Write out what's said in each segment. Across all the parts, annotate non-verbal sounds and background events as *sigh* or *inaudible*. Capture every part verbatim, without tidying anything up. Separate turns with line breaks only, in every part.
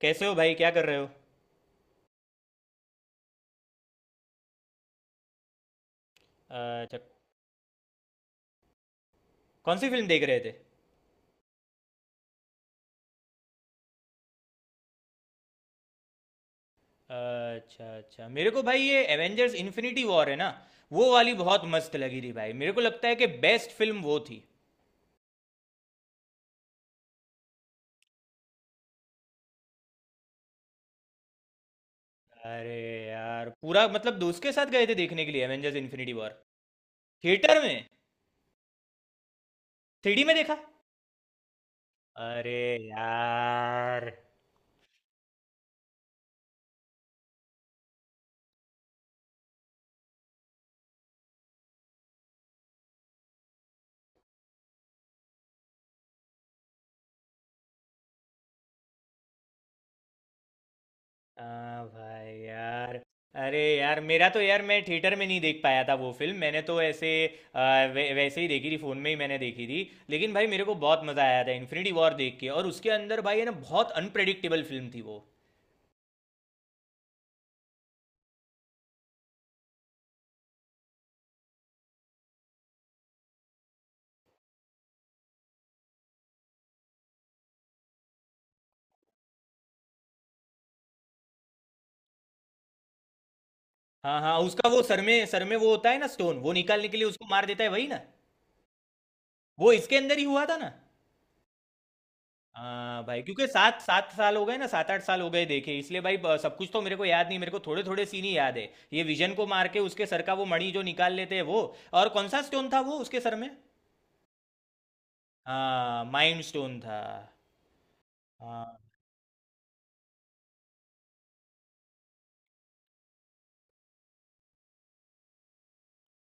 कैसे हो भाई? क्या कर रहे हो? अच्छा। कौन सी फिल्म देख रहे थे? अच्छा अच्छा। मेरे को भाई ये एवेंजर्स इन्फिनिटी वॉर है ना, वो वाली बहुत मस्त लगी थी भाई। मेरे को लगता है कि बेस्ट फिल्म वो थी। अरे यार, पूरा मतलब दोस्त के साथ गए थे देखने के लिए एवेंजर्स इन्फिनिटी वॉर। थिएटर में। थ्री डी में देखा। अरे यार। हाँ भाई यार। अरे यार, मेरा तो यार, मैं थिएटर में नहीं देख पाया था वो फिल्म। मैंने तो ऐसे अ, वै, वैसे ही देखी थी, फ़ोन में ही मैंने देखी थी। लेकिन भाई मेरे को बहुत मज़ा आया था इन्फिनिटी वॉर देख के, और उसके अंदर भाई है ना बहुत अनप्रेडिक्टेबल फिल्म थी वो। हाँ हाँ, उसका वो सर में सर में वो होता है ना स्टोन, वो निकालने के लिए उसको मार देता है, वही ना। वो इसके अंदर ही हुआ था ना। हाँ भाई, क्योंकि सात सात साल हो गए ना, सात आठ साल हो गए देखे इसलिए भाई, ब- सब कुछ तो मेरे को याद नहीं। मेरे को थोड़े थोड़े सीन ही याद है, ये विजन को मार के उसके सर का वो मणि जो निकाल लेते हैं वो। और कौन सा स्टोन था वो उसके सर में? हाँ, माइंड स्टोन था। हाँ।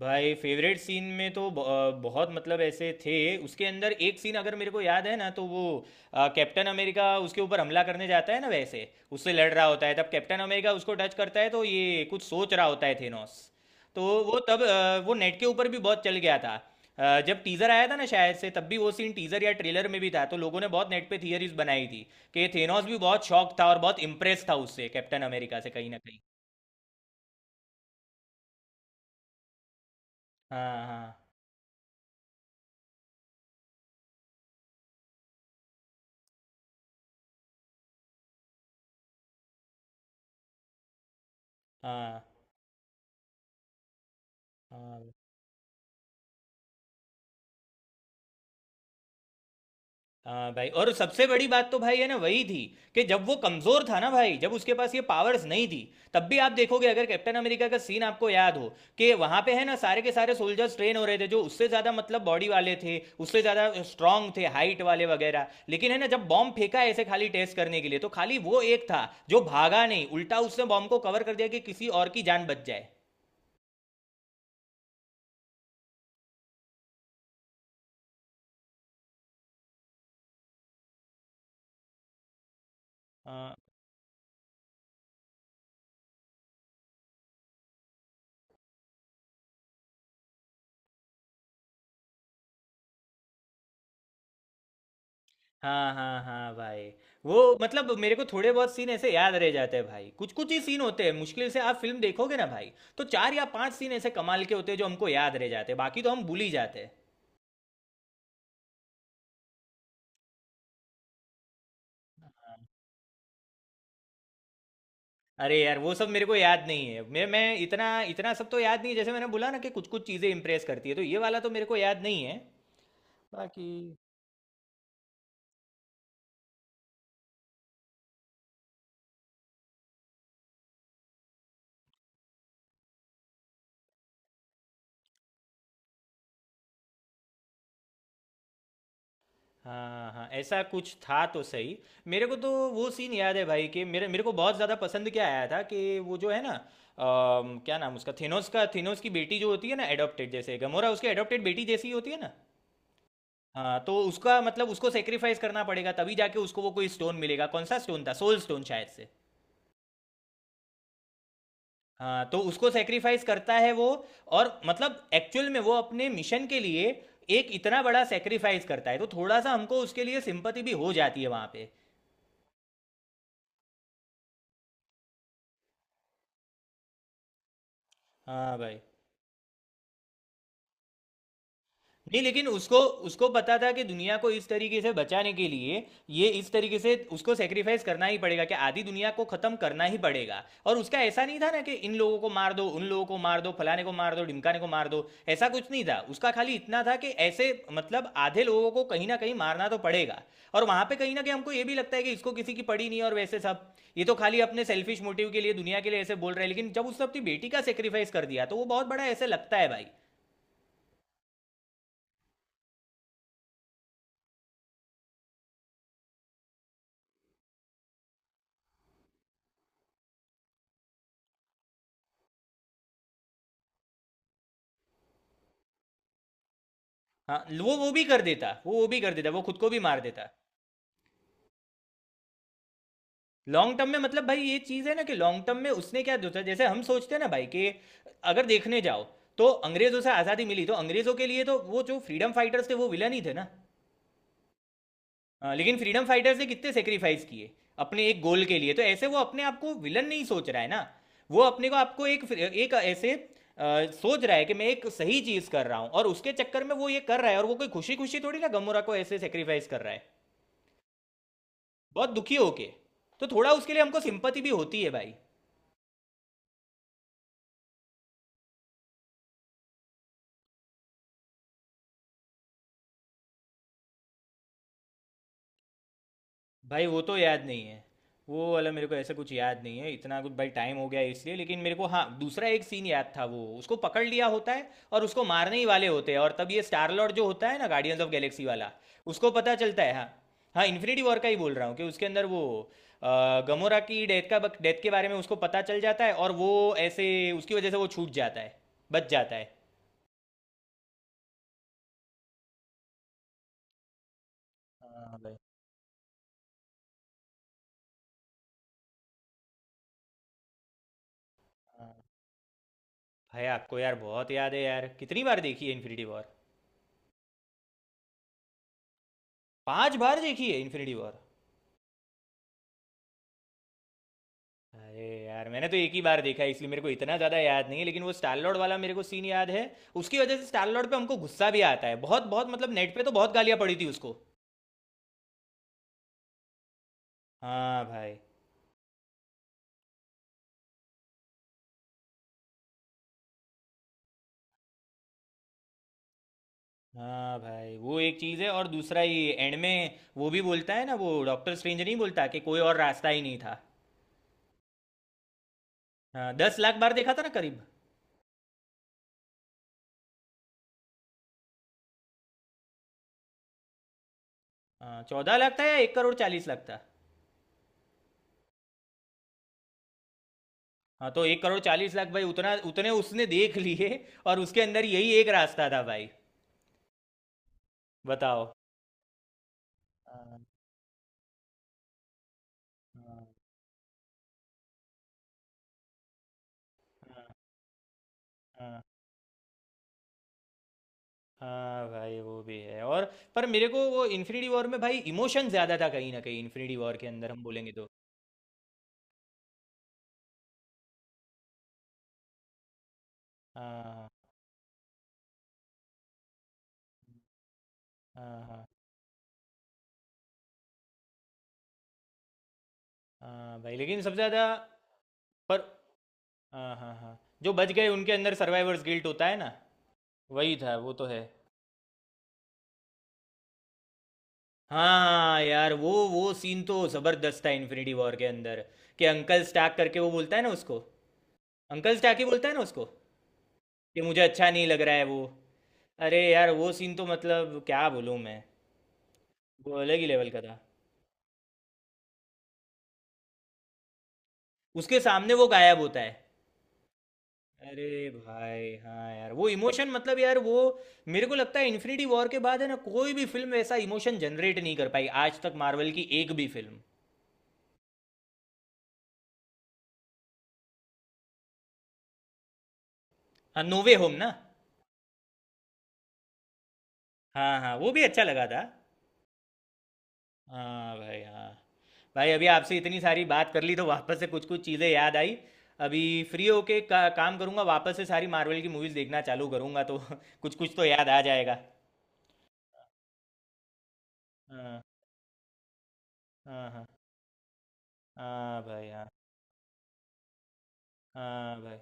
भाई फेवरेट सीन में तो ब- अ, बहुत मतलब ऐसे थे उसके अंदर। एक सीन अगर मेरे को याद है ना तो वो, अ, कैप्टन अमेरिका उसके ऊपर हमला करने जाता है ना, वैसे उससे लड़ रहा होता है, तब कैप्टन अमेरिका उसको टच करता है तो ये कुछ सोच रहा होता है, थेनोस। तो वो तब अ, वो नेट के ऊपर भी बहुत चल गया था। अ, जब टीजर आया था ना शायद से, तब भी वो सीन टीजर या ट्रेलर में भी था, तो लोगों ने बहुत नेट पे थियरीज बनाई थी कि थेनोस भी बहुत शॉक था और बहुत इम्प्रेस था उससे, कैप्टन अमेरिका से, कहीं ना कहीं। हाँ हाँ हाँ हाँ। हाँ भाई, और सबसे बड़ी बात तो भाई है ना वही थी, कि जब वो कमजोर था ना भाई, जब उसके पास ये पावर्स नहीं थी, तब भी आप देखोगे अगर कैप्टन अमेरिका का सीन आपको याद हो, कि वहां पे है ना सारे के सारे सोल्जर्स ट्रेन हो रहे थे जो उससे ज्यादा मतलब बॉडी वाले थे, उससे ज्यादा स्ट्रांग थे, हाइट वाले वगैरह, लेकिन है ना जब बॉम्ब फेंका ऐसे खाली टेस्ट करने के लिए, तो खाली वो एक था जो भागा नहीं, उल्टा उसने बॉम्ब को कवर कर दिया कि किसी और की जान बच जाए। अ, हाँ हाँ हाँ भाई, वो मतलब मेरे को थोड़े बहुत सीन ऐसे याद रह जाते हैं भाई, कुछ कुछ ही सीन होते हैं मुश्किल से। आप फिल्म देखोगे ना भाई, तो चार या पांच सीन ऐसे कमाल के होते हैं जो हमको याद रह जाते हैं, बाकी तो हम भूल ही जाते हैं। अरे यार वो सब मेरे को याद नहीं है, मैं मैं इतना इतना सब तो याद नहीं है। जैसे मैंने बोला ना कि कुछ कुछ चीज़ें इम्प्रेस करती है, तो ये वाला तो मेरे को याद नहीं है बाकी। हाँ हाँ, ऐसा कुछ था तो सही। मेरे को तो वो सीन याद है भाई, कि मेरे मेरे को बहुत ज़्यादा पसंद क्या आया था, कि वो जो है ना, अम, क्या नाम उसका, थेनोस का, थेनोस की बेटी जो होती है ना एडॉप्टेड, जैसे गमोरा उसकी एडॉप्टेड बेटी जैसी ही होती है ना। हाँ, तो उसका मतलब उसको सेक्रीफाइस करना पड़ेगा तभी जाके उसको वो कोई स्टोन मिलेगा। कौन सा स्टोन था, सोल स्टोन शायद से। हाँ, तो उसको सेक्रीफाइस करता है वो, और मतलब एक्चुअल में वो अपने मिशन के लिए एक इतना बड़ा सेक्रीफाइस करता है, तो थोड़ा सा हमको उसके लिए सिंपति भी हो जाती है वहाँ पे। हाँ भाई। नहीं, लेकिन उसको, उसको पता था कि दुनिया को इस तरीके से बचाने के लिए, ये इस तरीके से उसको सेक्रीफाइस करना ही पड़ेगा, कि आधी दुनिया को खत्म करना ही पड़ेगा। और उसका ऐसा नहीं था ना कि इन लोगों को मार दो, उन लोगों को मार दो, फलाने को मार दो, ढिमकाने को मार दो, ऐसा कुछ नहीं था। उसका खाली इतना था कि ऐसे मतलब आधे लोगों को कहीं ना कहीं मारना तो पड़ेगा। और वहां पे कहीं ना कहीं हमको ये भी लगता है कि इसको किसी की पड़ी नहीं है और वैसे सब, ये तो खाली अपने सेल्फिश मोटिव के लिए दुनिया के लिए ऐसे बोल रहे हैं, लेकिन जब उसने अपनी बेटी का सेक्रीफाइस कर दिया, तो वो बहुत बड़ा ऐसे लगता है भाई। हाँ, वो वो भी कर देता, वो वो भी कर देता, वो खुद को भी मार देता। लॉन्ग टर्म में मतलब भाई, ये चीज़ है ना कि लॉन्ग टर्म में उसने क्या सोचा, जैसे हम सोचते हैं ना भाई कि अगर देखने जाओ तो अंग्रेजों से आज़ादी मिली तो अंग्रेजों के लिए तो वो जो फ्रीडम फाइटर्स थे, वो विलन ही थे ना। हाँ, लेकिन फ्रीडम फाइटर्स ने कितने सेक्रीफाइस किए अपने एक गोल के लिए, तो ऐसे वो अपने आप को विलन नहीं सोच रहा है ना, वो अपने को आपको एक एक ऐसे, अ, सोच रहा है कि मैं एक सही चीज़ कर रहा हूँ, और उसके चक्कर में वो ये कर रहा है, और वो कोई खुशी खुशी थोड़ी ना गमोरा को ऐसे सेक्रीफाइस कर रहा है, बहुत दुखी होके, तो थोड़ा उसके लिए हमको सिंपति भी होती है भाई। भाई वो तो याद नहीं है, वो वाला मेरे को ऐसा कुछ याद नहीं है, इतना कुछ भाई टाइम हो गया है इसलिए। लेकिन मेरे को हाँ दूसरा एक सीन याद था, वो उसको पकड़ लिया होता है और उसको मारने ही वाले होते हैं, और तब ये स्टार लॉर्ड जो होता है ना गार्डियंस ऑफ गैलेक्सी वाला, उसको पता चलता है। हाँ हाँ, इन्फिनिटी वॉर का ही बोल रहा हूँ कि उसके अंदर वो अ, गमोरा की डेथ का डेथ के बारे में उसको पता चल जाता है और वो ऐसे उसकी वजह से वो छूट जाता है, बच जाता है। हाँ भाई। हाँ भाई, आपको यार बहुत याद है यार, कितनी बार देखी है इन्फिनिटी वॉर? पांच बार देखी है इन्फिनिटी वॉर? अरे यार, मैंने तो एक ही बार देखा है इसलिए मेरे को इतना ज़्यादा याद नहीं है, लेकिन वो स्टार लॉर्ड वाला मेरे को सीन याद है। उसकी वजह से स्टार लॉर्ड पे हमको गुस्सा भी आता है बहुत बहुत, मतलब नेट पे तो बहुत गालियाँ पड़ी थी उसको। हाँ भाई। हाँ भाई वो एक चीज़ है, और दूसरा ये एंड में वो भी बोलता है ना, वो डॉक्टर स्ट्रेंज, नहीं बोलता कि कोई और रास्ता ही नहीं था। हाँ, दस लाख बार देखा था ना करीब। हाँ, चौदह लाख था या एक करोड़ चालीस लाख था? हाँ, तो एक करोड़ चालीस लाख भाई उतना, उतने उसने देख लिए, और उसके अंदर यही एक रास्ता था भाई। बताओ। हाँ हाँ हाँ। हाँ। हाँ भाई वो भी है, और पर मेरे को वो इन्फिनिटी वॉर में भाई इमोशन ज़्यादा था कहीं ना कहीं, इन्फिनिटी वॉर के अंदर हम बोलेंगे तो। हाँ हाँ हाँ हाँ भाई, लेकिन सबसे ज़्यादा, पर, हाँ हाँ हाँ, जो बच गए उनके अंदर सर्वाइवर्स गिल्ट होता है ना, वही था वो, तो है। हाँ यार, वो वो सीन तो ज़बरदस्त था इन्फिनिटी वॉर के अंदर, कि अंकल स्टार्क करके वो बोलता है ना उसको, अंकल स्टाकी बोलता है ना उसको कि मुझे अच्छा नहीं लग रहा है वो। अरे यार, वो सीन तो मतलब क्या बोलूँ मैं, वो अलग ही लेवल का था। उसके सामने वो गायब होता है। अरे भाई हाँ यार वो इमोशन, मतलब यार वो, मेरे को लगता है इन्फिनिटी वॉर के बाद है ना कोई भी फिल्म ऐसा इमोशन जनरेट नहीं कर पाई आज तक, मार्वल की एक भी फिल्म। हाँ, नोवे होम ना? हाँ हाँ, वो भी अच्छा लगा था। हाँ भाई। हाँ भाई, अभी आपसे इतनी सारी बात कर ली तो वापस से कुछ कुछ चीज़ें याद आई। अभी फ्री होके का, काम करूंगा, वापस से सारी मार्वल की मूवीज़ देखना चालू करूंगा तो *laughs* कुछ कुछ तो याद आ जाएगा। हाँ हाँ हाँ हाँ भाई। हाँ हाँ भाई।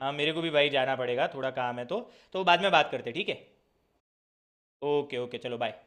हाँ, मेरे को भी भाई जाना पड़ेगा, थोड़ा काम है तो। तो बाद में बात करते हैं, ठीक है? ओके ओके, चलो बाय।